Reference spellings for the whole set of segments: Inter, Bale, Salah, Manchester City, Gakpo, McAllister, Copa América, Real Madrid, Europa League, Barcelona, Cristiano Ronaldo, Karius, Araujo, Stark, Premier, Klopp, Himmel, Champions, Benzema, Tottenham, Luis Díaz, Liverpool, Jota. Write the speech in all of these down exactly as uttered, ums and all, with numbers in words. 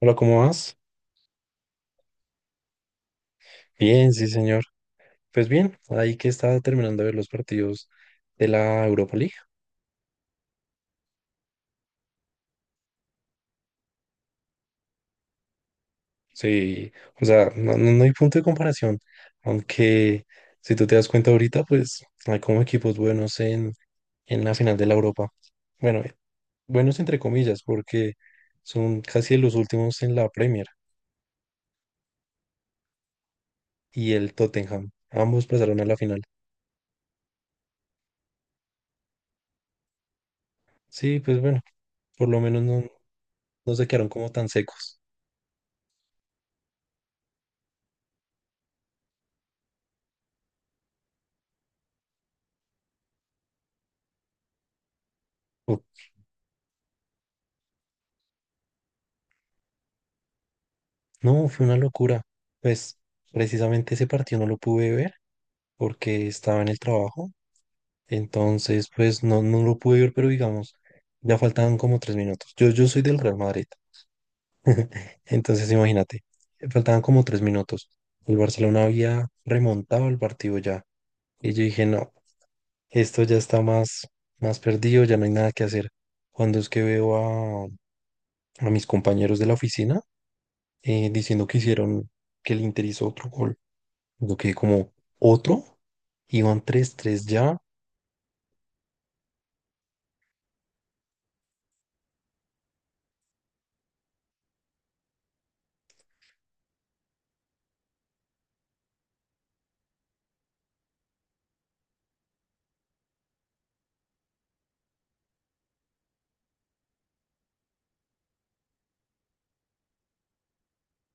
Hola, ¿cómo vas? Bien, sí, señor. Pues bien, ahí que estaba terminando de ver los partidos de la Europa League. Sí, o sea, no, no- no hay punto de comparación. Aunque, si tú te das cuenta ahorita, pues hay como equipos buenos en, en la final de la Europa. Bueno, eh, buenos entre comillas, porque son casi los últimos en la Premier y el Tottenham. Ambos pasaron a la final. Sí, pues bueno, por lo menos no, no se quedaron como tan secos. No, fue una locura. Pues precisamente ese partido no lo pude ver porque estaba en el trabajo. Entonces, pues no, no lo pude ver, pero digamos, ya faltaban como tres minutos. Yo, yo soy del Real Madrid. Entonces, imagínate, faltaban como tres minutos. El Barcelona había remontado el partido ya. Y yo dije, no, esto ya está más, más, perdido, ya no hay nada que hacer. Cuando es que veo a, a mis compañeros de la oficina eh, diciendo que hicieron, que el Inter hizo otro gol. Yo quedé como otro, iban tres tres ya,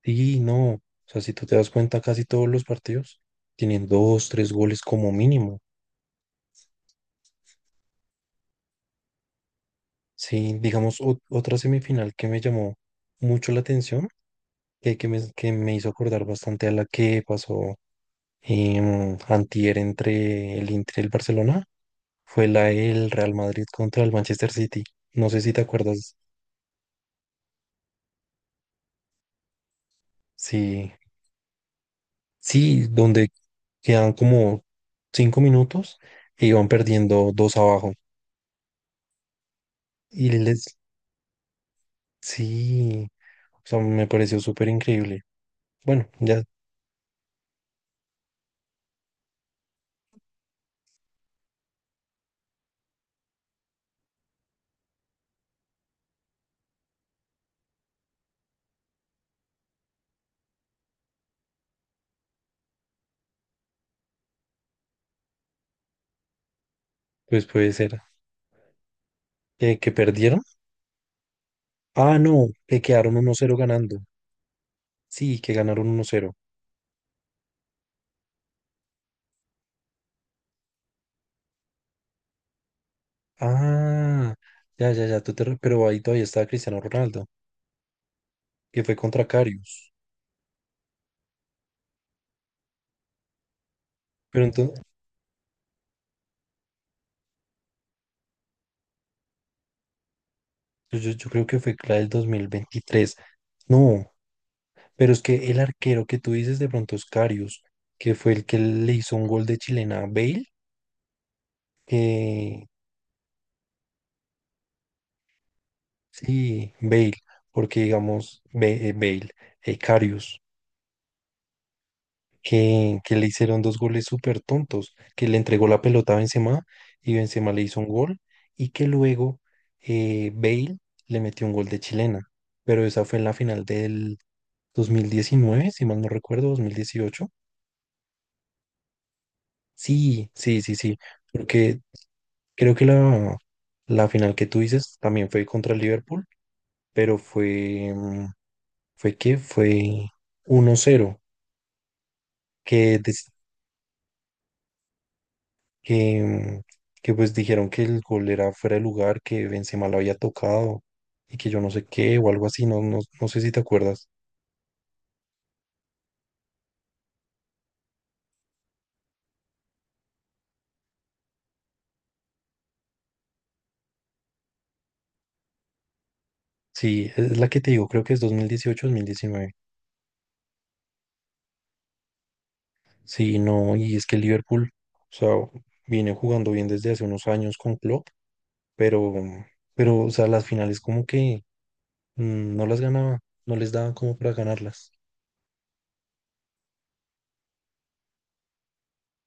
y no, o sea, si tú te das cuenta, casi todos los partidos tienen dos, tres goles como mínimo. Sí, digamos, ot- otra semifinal que me llamó mucho la atención, que, que, me, que me hizo acordar bastante a la que pasó en antier entre el Inter y el Barcelona, fue la del Real Madrid contra el Manchester City. No sé si te acuerdas, sí. Sí, donde quedan como cinco minutos e iban perdiendo dos abajo. Y les, sí, o sea, me pareció súper increíble. Bueno, ya, pues puede ser. Eh, ¿que perdieron? Ah, no, que quedaron uno cero ganando. Sí, que ganaron uno cero. Ah, ya, ya, ya, tú te re- pero ahí todavía estaba Cristiano Ronaldo, que fue contra Karius. Pero entonces, yo, yo yo creo que fue la del dos mil veintitrés. No, pero es que el arquero que tú dices de pronto es Karius, que fue el que le hizo un gol de chilena a Bale, que sí, Bale, porque digamos Be- eh, Bale, eh, Karius, que, que le hicieron dos goles súper tontos, que le entregó la pelota a Benzema y Benzema le hizo un gol y que luego eh, Bale le metió un gol de chilena, pero esa fue en la final del dos mil diecinueve si mal no recuerdo, dos mil dieciocho. Sí, sí, sí, sí. Porque Creo que la, la final que tú dices también fue contra el Liverpool, pero fue, mm, fue que fue uno cero que, des- que, mm, que pues dijeron que el gol era fuera de lugar, que Benzema lo había tocado y que yo no sé qué o algo así, no, no, no sé si te acuerdas. Sí, es la que te digo, creo que es dos dos mil dieciocho mil diecinueve. Sí, no, y es que el Liverpool, o sea, viene jugando bien desde hace unos años con Klopp, pero, pero, o sea, las finales como que mm, no las ganaba, no les daban como para ganarlas.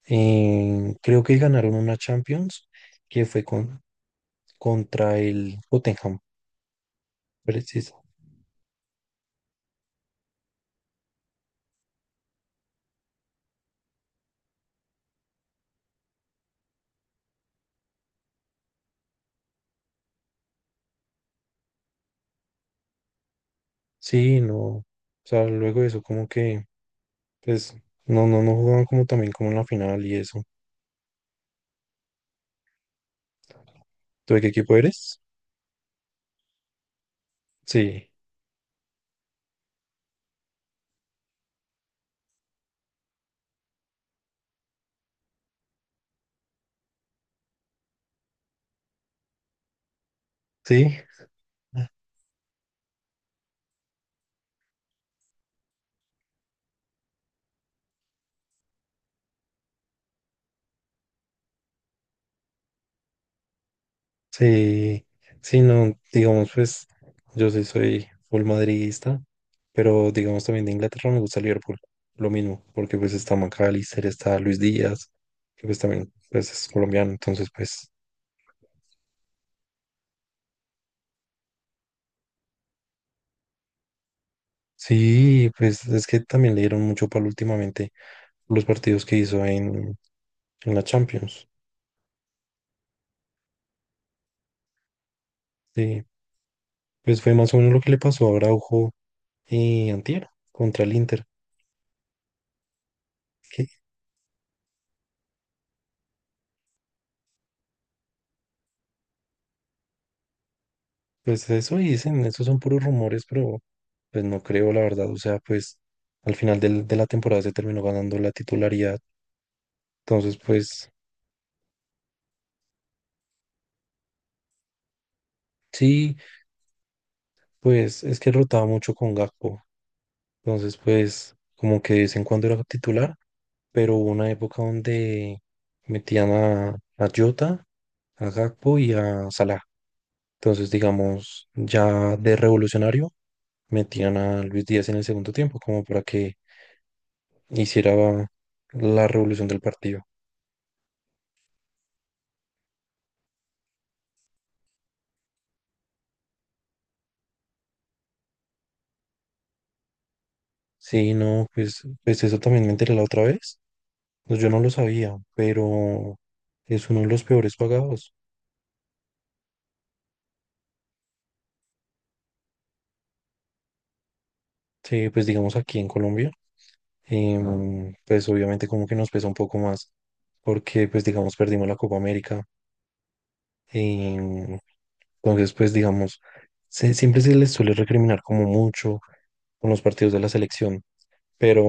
Eh, creo que ganaron una Champions que fue con, contra el Tottenham, preciso. Sí, no, o sea, luego de eso como que, pues, no, no, no jugaban como también como en la final y eso. ¿Tú de qué equipo eres? Sí, sí, sí, sí, no, digamos, pues yo sí soy full madridista, pero digamos también de Inglaterra me gusta Liverpool, lo mismo, porque pues está McAllister, está Luis Díaz, que pues también pues, es colombiano, entonces pues sí, pues es que también le dieron mucho palo últimamente los partidos que hizo en, en, la Champions, sí, pues fue más o menos lo que le pasó a Araujo y Antier contra el Inter. Pues eso dicen, esos son puros rumores, pero pues no creo, la verdad. O sea, pues al final del- de la temporada se terminó ganando la titularidad. Entonces, pues sí, pues es que rotaba mucho con Gakpo. Entonces, pues como que de vez en cuando era titular, pero hubo una época donde metían a, a Jota, a Gakpo y a Salah. Entonces, digamos, ya de revolucionario, metían a Luis Díaz en el segundo tiempo, como para que hiciera la revolución del partido. Sí, no, pues, pues eso también me enteré la otra vez. Pues yo no lo sabía, pero es uno de los peores pagados. Sí, pues digamos aquí en Colombia, em, pues obviamente como que nos pesa un poco más, porque pues digamos perdimos la Copa América. em, entonces, pues digamos, se- siempre se les suele recriminar como mucho con los partidos de la selección, pero,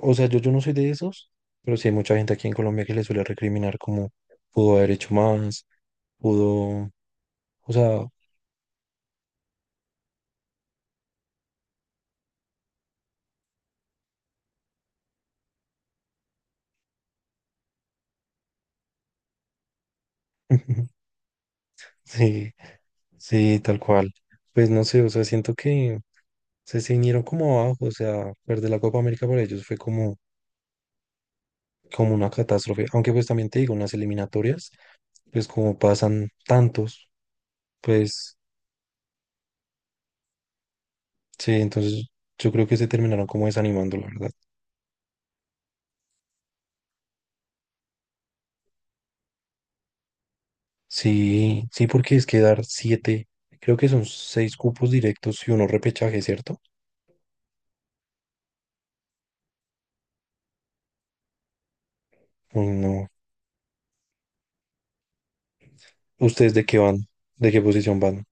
o sea, yo, yo no soy de esos, pero sí hay mucha gente aquí en Colombia que le suele recriminar como pudo haber hecho más, pudo. O sea, sí, sí, tal cual. Pues no sé, o sea, siento que se, se vinieron como abajo, o sea, perder la Copa América para ellos fue como, como, una catástrofe. Aunque pues también te digo, en las eliminatorias, pues como pasan tantos, pues sí, entonces yo creo que se terminaron como desanimando, la verdad. Sí, sí, porque es que dar siete, creo que son seis cupos directos y uno repechaje, ¿cierto? Uy, no. ¿Ustedes de qué van? ¿De qué posición van?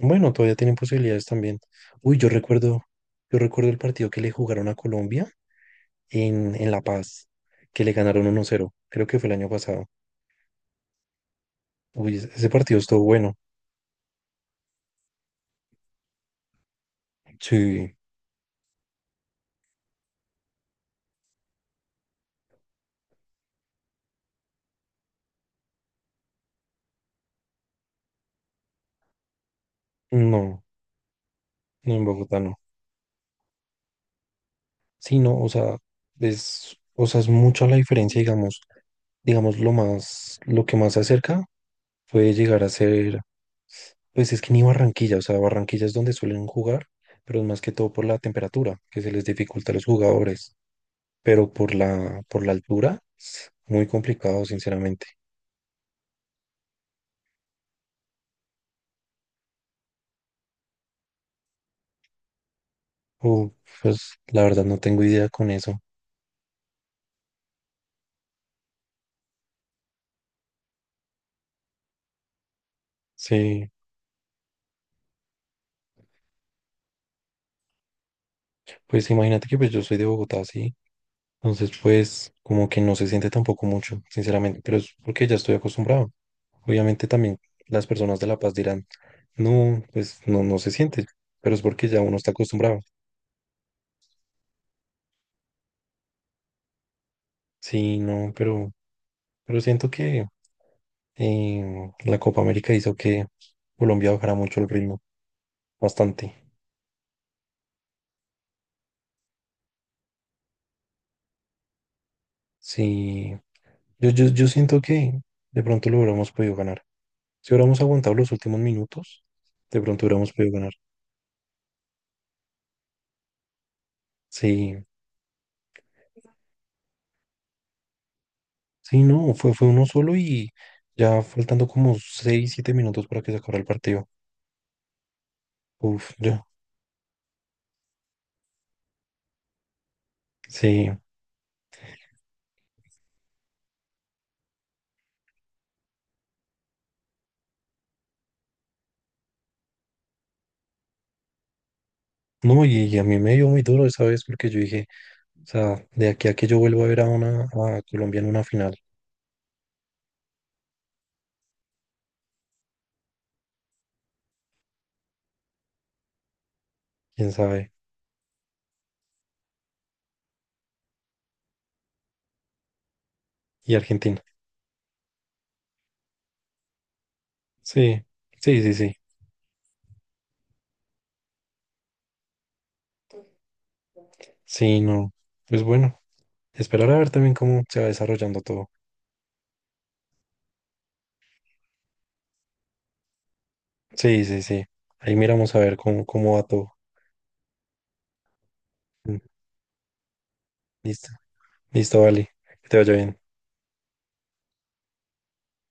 Bueno, todavía tienen posibilidades también. Uy, yo recuerdo, yo recuerdo el partido que le jugaron a Colombia en, en, La Paz, que le ganaron uno cero. Creo que fue el año pasado. Uy, ese ese partido estuvo bueno. Sí, no, no en Bogotá no. Sí, no, o sea, es, o sea, es mucha la diferencia, digamos, digamos, lo más, lo que más se acerca puede llegar a ser, pues es que ni Barranquilla, o sea, Barranquilla es donde suelen jugar, pero es más que todo por la temperatura, que se les dificulta a los jugadores. Pero por la, por la altura, muy complicado, sinceramente. Uh, pues la verdad no tengo idea con eso. Sí, pues imagínate que pues yo soy de Bogotá, sí. Entonces, pues como que no se siente tampoco mucho, sinceramente, pero es porque ya estoy acostumbrado. Obviamente también las personas de La Paz dirán, no, pues no, no se siente, pero es porque ya uno está acostumbrado. Sí, no, pero, pero siento que eh, la Copa América hizo que Colombia bajara mucho el ritmo, bastante. Sí, Yo, yo, yo siento que de pronto lo hubiéramos podido ganar. Si hubiéramos aguantado los últimos minutos, de pronto hubiéramos podido ganar. Sí, sí, no, fue, fue uno solo y ya faltando como seis siete minutos para que se acabara el partido. Uf, ya, sí. No, y, y a mí me dio muy duro esa vez porque yo dije, o sea, de aquí a que yo vuelva a ver a una a Colombia en una final, quién sabe, y Argentina. Sí, sí, sí, sí. Sí, no. Pues bueno, esperar a ver también cómo se va desarrollando todo. Sí, sí, sí. Ahí miramos a ver cómo, cómo, va todo. Mm, listo. Listo, vale. Que te vaya bien.